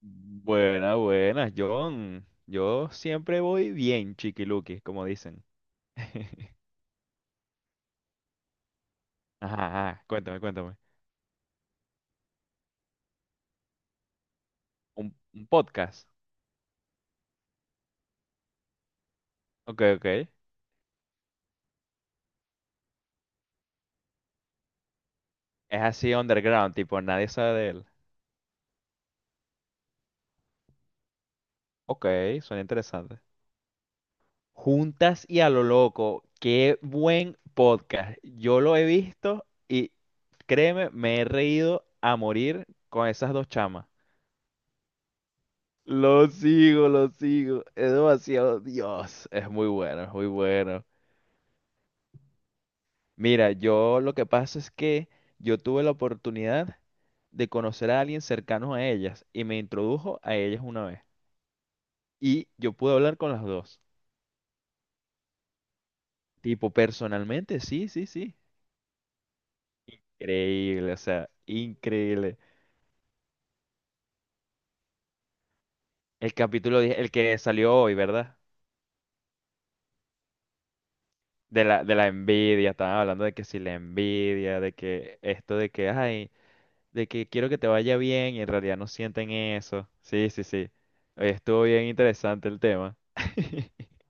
Buena John. Yo siempre voy bien, chiquiluki, como dicen. Ajá, ajá, cuéntame, cuéntame. ¿Un podcast? Ok, ok. Es así underground, tipo, nadie sabe de él. Ok, suena interesante. Juntas y a lo loco, qué buen podcast. Yo lo he visto y créeme, me he reído a morir con esas dos chamas. Lo sigo, lo sigo. Es demasiado, Dios, es muy bueno, es muy bueno. Mira, yo lo que pasa es que yo tuve la oportunidad de conocer a alguien cercano a ellas y me introdujo a ellas una vez. Y yo pude hablar con las dos. Tipo, personalmente, sí, sí, sí. Increíble, o sea, increíble. El capítulo, el que salió hoy, ¿verdad? De la envidia, estaban hablando de que si la envidia, de que esto, de que, ay, de que quiero que te vaya bien y en realidad no sienten eso. Sí, sí, sí. Oye, estuvo bien interesante el tema.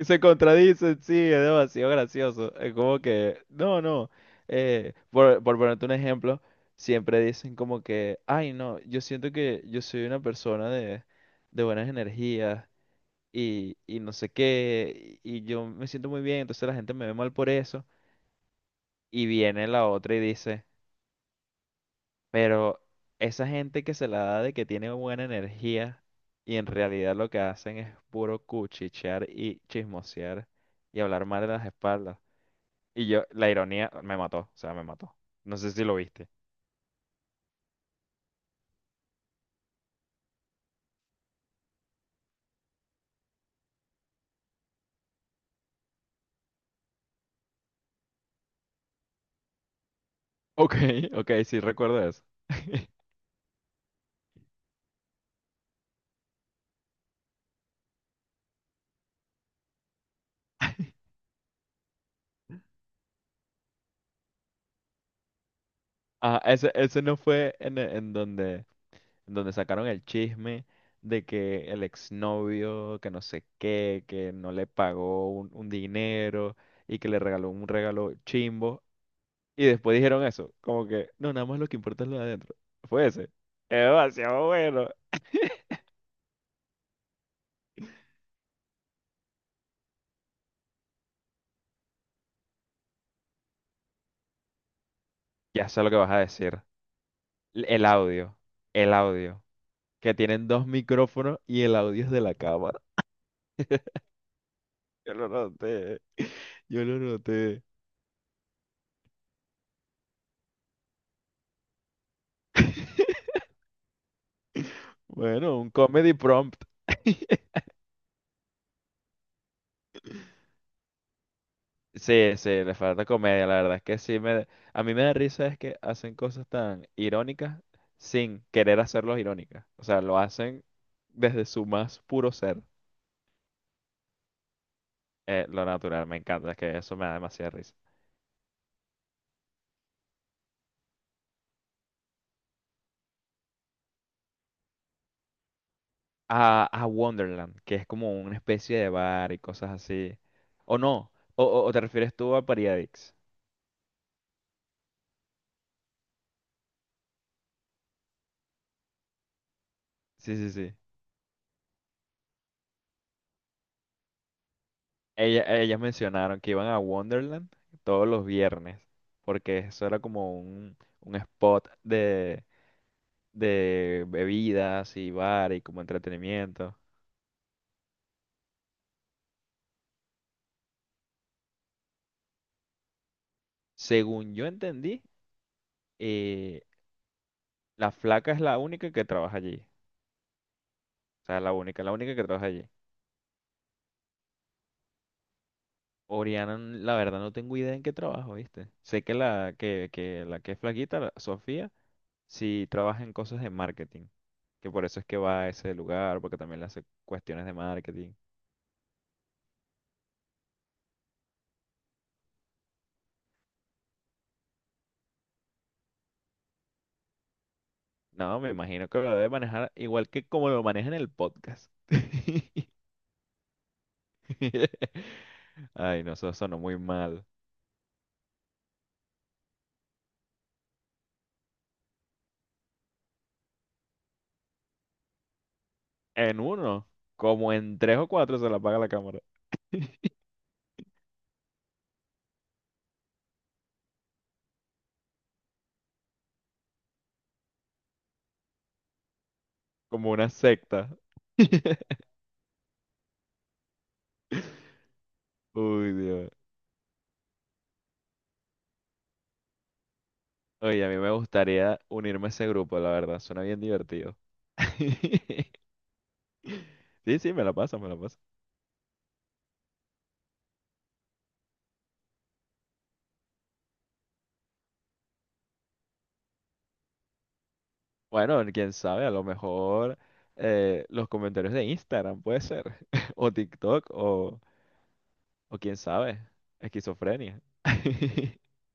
Se contradicen, sí, es demasiado gracioso. Es como que, no, no. Por ponerte un ejemplo, siempre dicen como que, ay, no, yo siento que yo soy una persona de buenas energías, y no sé qué, y yo me siento muy bien, entonces la gente me ve mal por eso. Y viene la otra y dice, pero esa gente que se la da de que tiene buena energía y en realidad lo que hacen es puro cuchichear y chismosear y hablar mal de las espaldas. Y yo, la ironía me mató, o sea, me mató. No sé si lo viste. Ok, ok, sí recuerdo eso. Ah, ese no fue en donde sacaron el chisme de que el exnovio, que no sé qué, que no le pagó un dinero y que le regaló un regalo chimbo. Y después dijeron eso, como que, no, nada más lo que importa es lo de adentro. Fue ese. Es demasiado bueno. Ya sé lo que vas a decir. El audio, el audio, que tienen dos micrófonos y el audio es de la cámara. Yo lo noté, yo lo noté. Bueno, un comedy prompt. Sí, sí, le falta comedia, la verdad es que sí me... A mí me da risa es que hacen cosas tan irónicas sin querer hacerlos irónicas. O sea, lo hacen desde su más puro ser, lo natural, me encanta, es que eso me da demasiada risa. a, Wonderland, que es como una especie de bar y cosas así. O no, o te refieres tú a Pariadix. Sí, sí, sí. Ellas mencionaron que iban a Wonderland todos los viernes, porque eso era como un spot de bebidas y bar y como entretenimiento. Según yo entendí, eh, la flaca es la única que trabaja allí. O sea, la única que trabaja allí. Oriana, la verdad no tengo idea en qué trabajo, ¿viste? Sé que la que es flaquita, Sofía, sí trabaja en cosas de marketing, que por eso es que va a ese lugar, porque también le hace cuestiones de marketing. No, me imagino que lo debe manejar igual que como lo maneja en el podcast. Ay, no, eso sonó muy mal. En uno, como en tres o cuatro se la apaga la cámara. Como una secta. Uy, Dios. Oye, a mí me gustaría unirme a ese grupo, la verdad, suena bien divertido. Sí, sí, me la paso, me la paso. Bueno, quién sabe, a lo mejor los comentarios de Instagram puede ser, o TikTok, o quién sabe, esquizofrenia.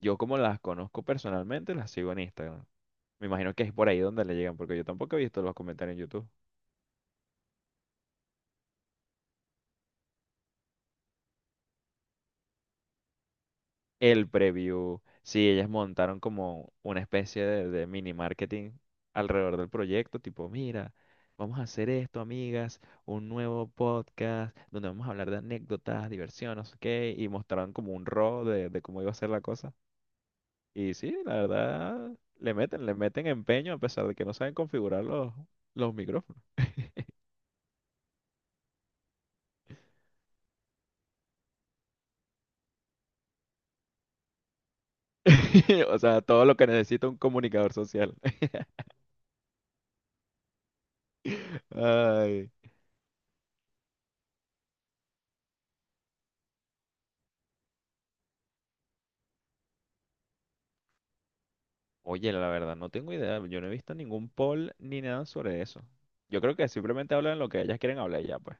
Yo como las conozco personalmente, las sigo en Instagram. Me imagino que es por ahí donde le llegan, porque yo tampoco he visto los comentarios en YouTube. El preview, sí, ellas montaron como una especie de, mini marketing alrededor del proyecto, tipo, mira, vamos a hacer esto, amigas, un nuevo podcast donde vamos a hablar de anécdotas, diversión, no sé qué, y mostraron como un raw de cómo iba a ser la cosa. Y sí, la verdad, le meten empeño a pesar de que no saben configurar los micrófonos. O sea, todo lo que necesita un comunicador social. Ay. Oye, la verdad, no tengo idea. Yo no he visto ningún poll ni nada sobre eso. Yo creo que simplemente hablan lo que ellas quieren hablar y ya, pues.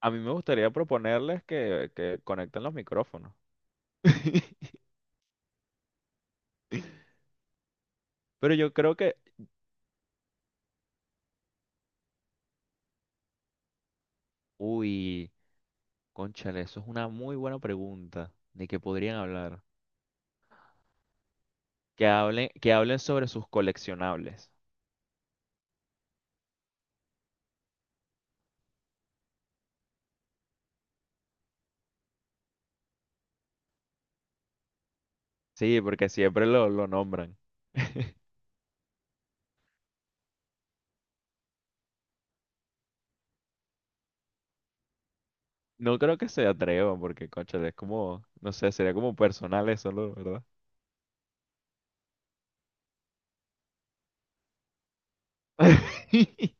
A mí me gustaría proponerles que conecten los micrófonos. Pero yo creo que... Uy, cónchale, eso es una muy buena pregunta. ¿De qué podrían hablar? Que hablen sobre sus coleccionables. Sí, porque siempre lo nombran. No creo que se atrevan, porque, cónchale, es como... No sé, sería como personal eso, ¿no? ¿Verdad?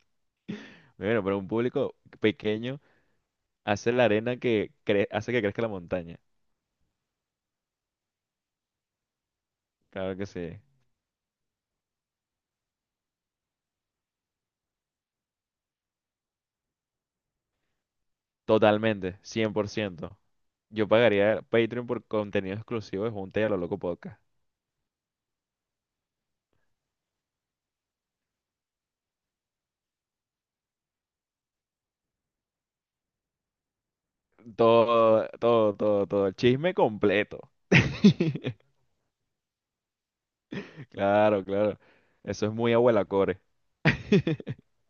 Bueno, pero un público pequeño hace la arena que hace que crezca la montaña. Claro que sí. Totalmente, 100%. Yo pagaría Patreon por contenido exclusivo de Junta y a lo Loco Podcast. Todo, todo, todo, todo. El chisme completo. Claro, claro. Eso es muy abuela core.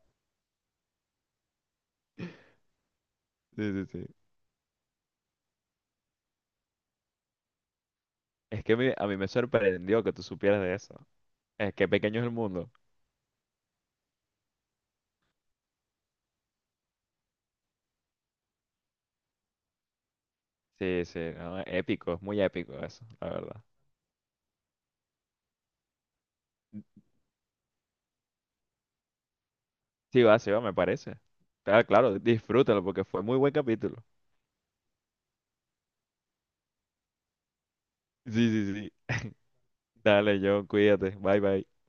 Sí, sí, sí. Es que a mí me sorprendió que tú supieras de eso. Es que pequeño es el mundo. Sí, sí, no, épico, es muy épico eso, la verdad. Sí va, me parece. Ah, claro, disfrútalo porque fue muy buen capítulo. Sí, sí, sí. Dale, John, cuídate. Bye, bye.